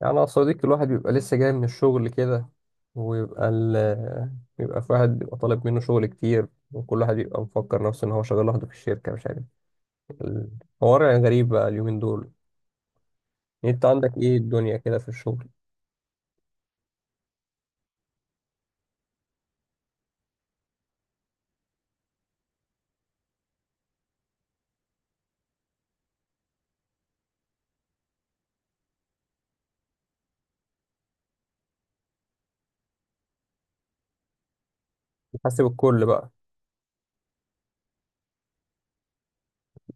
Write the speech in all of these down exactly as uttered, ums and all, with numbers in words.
يعني يا صديقي الواحد بيبقى لسه جاي من الشغل كده ويبقى ال بيبقى في واحد بيبقى طالب منه شغل كتير، وكل واحد بيبقى مفكر نفسه ان هو شغال لوحده في الشركة، مش عارف. الحوار يعني غريب بقى اليومين دول. انت عندك ايه الدنيا كده في الشغل؟ بتحسب الكل بقى؟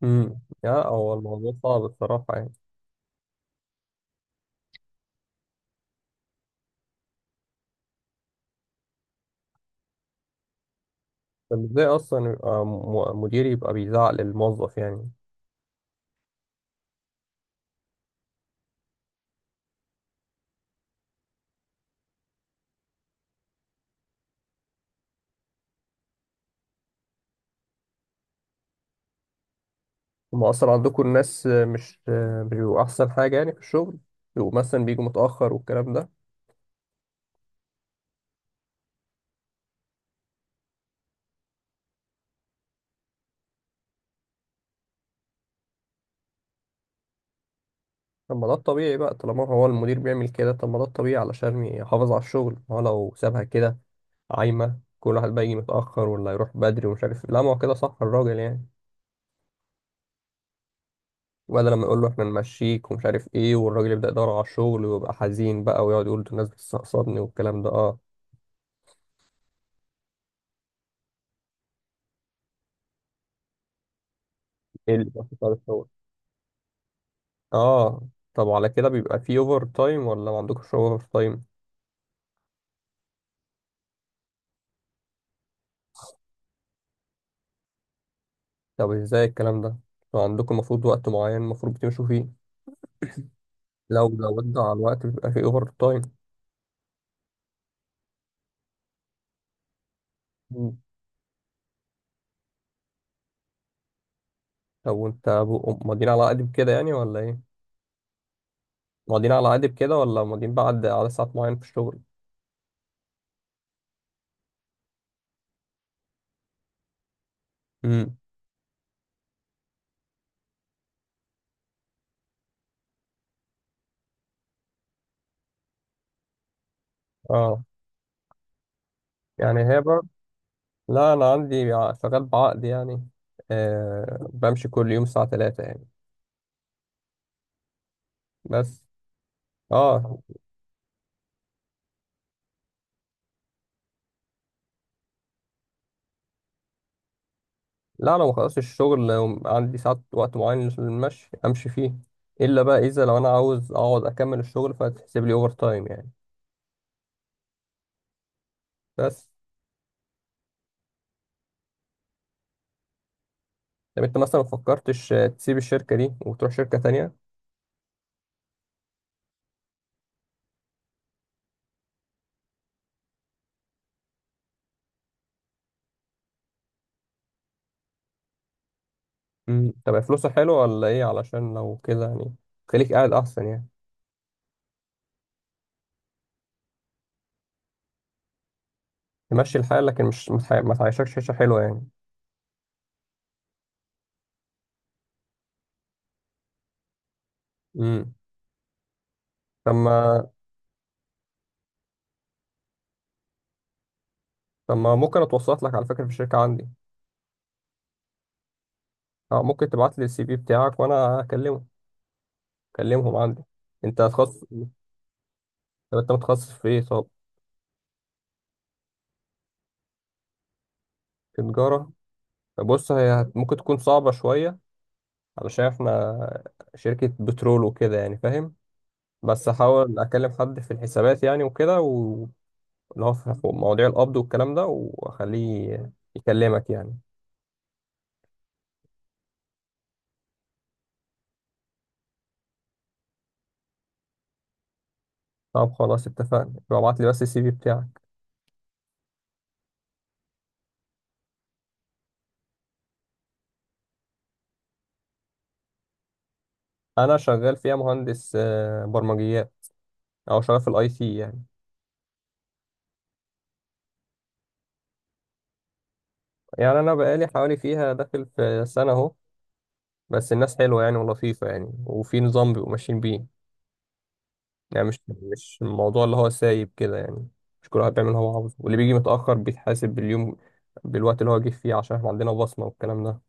امم يا هو الموضوع صعب الصراحة يعني. طب ازاي اصلا يبقى م- مدير يبقى بيزعق للموظف يعني؟ هما اصلا عندكم الناس مش مش بيبقوا احسن حاجة يعني في الشغل؟ بيبقوا مثلا بيجوا متأخر والكلام ده؟ طب ما ده الطبيعي بقى، طالما هو المدير بيعمل كده. طب ما ده الطبيعي علشان يحافظ على الشغل، ما هو لو سابها كده عايمة كل واحد بقى يجي متأخر ولا يروح بدري، ومش عارف. لا ما هو كده صح الراجل يعني. وبدل لما يقول له احنا نمشيك ومش عارف ايه، والراجل يبدأ يدور على الشغل ويبقى حزين بقى ويقعد يقول ده الناس بتستقصدني والكلام ده، اه. ايه اللي بيحصل على الشغل؟ اه. طب وعلى كده بيبقى في اوفر تايم ولا ما عندكوش اوفر تايم؟ طب ازاي الكلام ده؟ طب عندكم المفروض وقت معين المفروض بتمشوا فيه، لو زودنا على الوقت بيبقى في اوفر تايم؟ طب وانت ابو- ماضيين على قدب كده يعني ولا ايه؟ ماضيين على قدب كده ولا ماضيين بعد عدد ساعات معين في الشغل؟ امم. اه يعني هي بر... لا انا عندي ع- شغال بعقد يعني. آه بمشي كل يوم الساعة ثلاثة يعني، بس. اه. لا انا ما خلصتش الشغل، عندي ساعات وقت معين للمشي امشي فيه. الا بقى اذا لو انا عاوز اقعد اكمل الشغل فتحسب لي اوفر تايم يعني، بس. طب انت مثلا ما فكرتش آه، تسيب الشركة دي وتروح شركة تانية؟ مم. طب فلوسه حلوة ولا ايه؟ علشان لو كده يعني خليك قاعد احسن يعني. تمشي الحال، لكن مش ما تح- ما تعيشكش عيشة حلوة يعني. امم. طب ما طب ما ممكن اتوسط لك على فكرة في الشركة عندي؟ اه ممكن تبعت لي السي في بتاعك وانا اكلمه، اكلمهم عندي. انت هتخصص؟ طب انت متخصص في ايه طب؟ في تجارة. طب بص هي هت- ممكن تكون صعبة شوية، علشان احنا شركة بترول وكده يعني، فاهم. بس هحاول اكلم حد في الحسابات يعني وكده، اللي هو في مواضيع القبض والكلام ده، واخليه يكلمك يعني. طب خلاص اتفقنا، يبقى ابعت لي بس السي في بتاعك. انا شغال فيها مهندس آه، برمجيات، او شغال في الاي تي يعني. يعني انا بقالي حوالي فيها داخل في سنه اهو. بس الناس حلوه يعني ولطيفه يعني، وفي نظام بيبقوا ماشيين بيه. يعني مش مش الموضوع اللي هو سايب كده يعني. مش كل واحد بيعمل اللي هو عاوزه، واللي بيجي متاخر بيتحاسب باليوم، بالوقت اللي هو جه فيه، عشان احنا عندنا بصمه والكلام ده.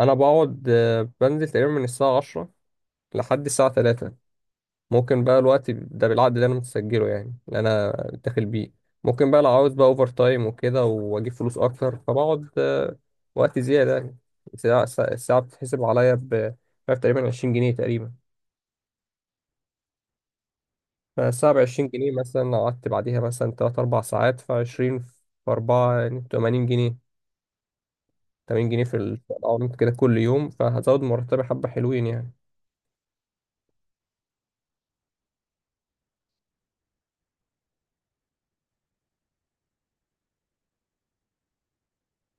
انا بقعد آه، بنزل تقريبا من الساعه عشرة لحد الساعه ثلاثة. ممكن بقى الوقت ده بالعقد اللي انا متسجله يعني، اللي انا داخل بيه. ممكن بقى لو عاوز بقى اوفر تايم وكده، واجيب فلوس اكتر، فبقعد آه، وقت زياده يعني. الساعه الساعة- الساعة بتتحسب عليا ب مش عارف تقريبا عشرون جنيها تقريبا. فالساعه ب عشرون جنيها مثلا، لو قعدت بعديها مثلا ثلاثة أربعة ساعات، ف عشرين في اربعة يعني ثمانين جنيها. ثمانين جنيها في الأونت كده كل يوم، فهزود مرتبي حبه حلوين يعني.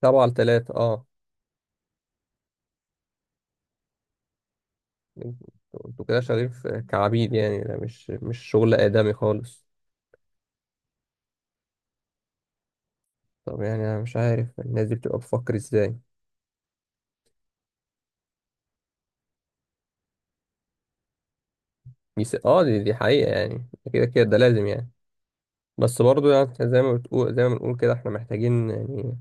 سبعة ل ثلاثة، اه. انتوا انتوا كده شغالين في- كعبيد يعني، ده مش مش شغل آدمي خالص. طب يعني انا مش عارف الناس دي بتبقى بتفكر ازاي. دي س... اه، دي, دي حقيقة يعني، كده كده ده لازم يعني. بس برضو يعني إحنا زي ما بتقول، زي ما بنقول كده، احنا محتاجين يعني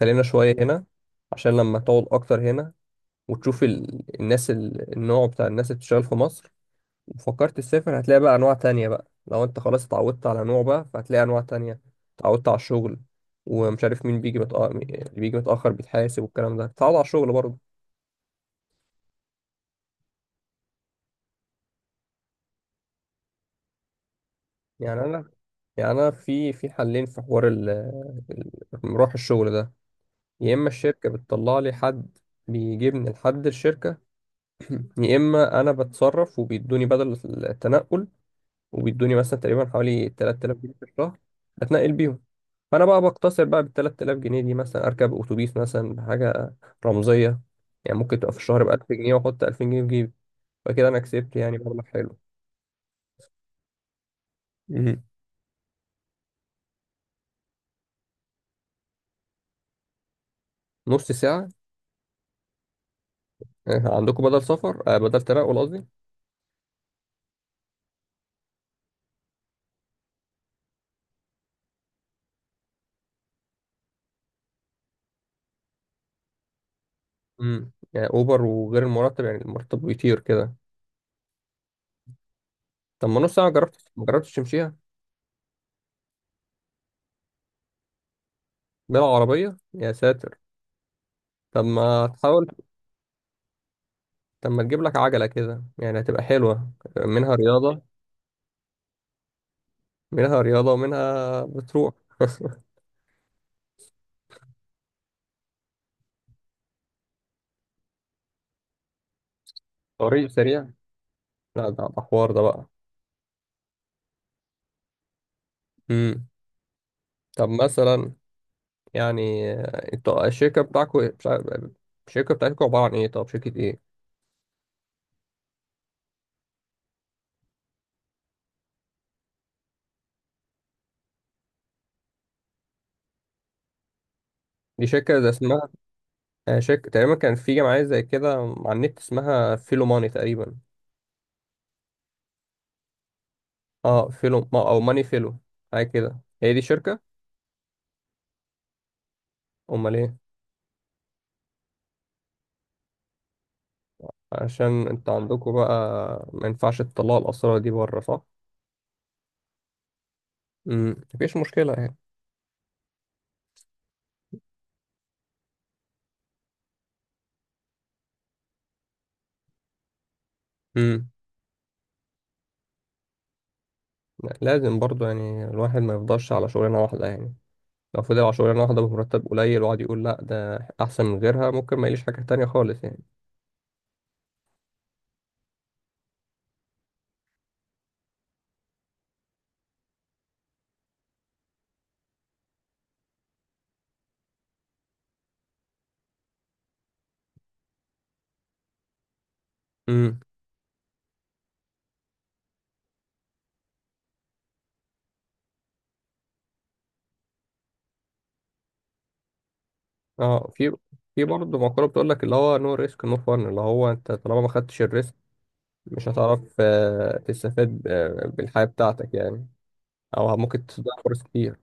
خلينا شوية هنا، عشان لما تقعد اكتر هنا وتشوف ال... الناس ال... النوع بتاع الناس اللي بتشتغل في مصر، وفكرت تسافر، هتلاقي بقى انواع تانية بقى. لو انت خلاص اتعودت على نوع بقى فهتلاقي انواع تانية، اتعودت على الشغل، ومش عارف مين بيجي متأخر، اللي بيجي متأخر بيتحاسب والكلام ده، تتعود على الشغل برضه. يعني انا يعني انا في في حلين في حوار ال ال- مروح الشغل ده. يا اما الشركه بتطلع لي حد بيجيبني لحد الشركه، يا اما انا بتصرف وبيدوني بدل التنقل، وبيدوني مثلا تقريبا حوالي تلات الاف جنيه في الشهر اتنقل بيهم. فانا بقى بقتصر بقى بال تلات الاف جنيه دي، مثلا اركب اتوبيس مثلا بحاجه رمزيه يعني. ممكن تبقى في الشهر ب ألف جنيه، واحط ألفين جنيه في جيبي. فكده انا كسبت يعني مبلغ حلو، مهم. نص ساعه؟ آه، عندكم بدل سفر، آه، بدل تنقل قصدي؟ امم، يعني اوبر وغير المرتب، يعني المرتب بيطير كده. طب ما نص ساعه، جربت ما جربتش تمشيها؟ بالعربيه؟ يا ساتر. طب ما تحاول. طب ما تجيب لك عجله كده يعني، هتبقى حلوه، منها رياضه، منها رياضه ومنها بتروح. طريق سريع؟ لا ده ده حوار ده بقى. امم. طب مثلا يعني آه، انتوا الشركه بتاعكم مش عارف، الشركه بتاعتكم عباره عن ايه طب، شركه ايه؟ دي شركه زي اسمها، آه، شركه تقريبا كان في جمعيه زي كده على النت اسمها فيلو ماني تقريبا. اه فيلو ما- او ماني فيلو، حاجه كده، هي دي شركه؟ امال ايه؟ عشان انت عندكم بقى ما ينفعش تطلعوا الاسرار دي بره، صح؟ امم مفيش مشكله يعني. امم. لا، لازم برضو يعني الواحد ما يفضلش على شغلانه واحده يعني. لو فضل على شغلانه واحده بمرتب قليل، وقعد يقول لا ده احسن من غيرها، ممكن ما يليش حاجه تانية خالص يعني. امم. اه، في، في برضه مقوله بتقول لك اللي هو نو ريسك نو فن، اللي هو انت طالما ما خدتش الريسك مش هتعرف آه، تستفاد آه، بالحياه بتاعتك يعني، او ممكن تضيع فرص كتير.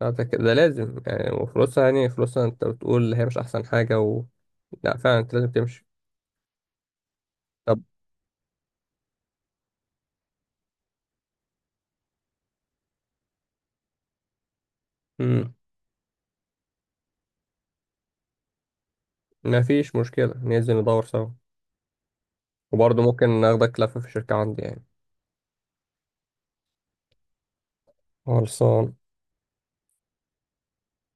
لا ده, ك- ده لازم يعني، وفلوسها يعني، فلوسها انت بتقول هي مش احسن حاجه و... لا فعلا انت لازم تمشي. طب. امم، ما فيش مشكله ننزل ندور سوا. وبرضه ممكن ناخدك لفه في الشركه عندي يعني. خلصان.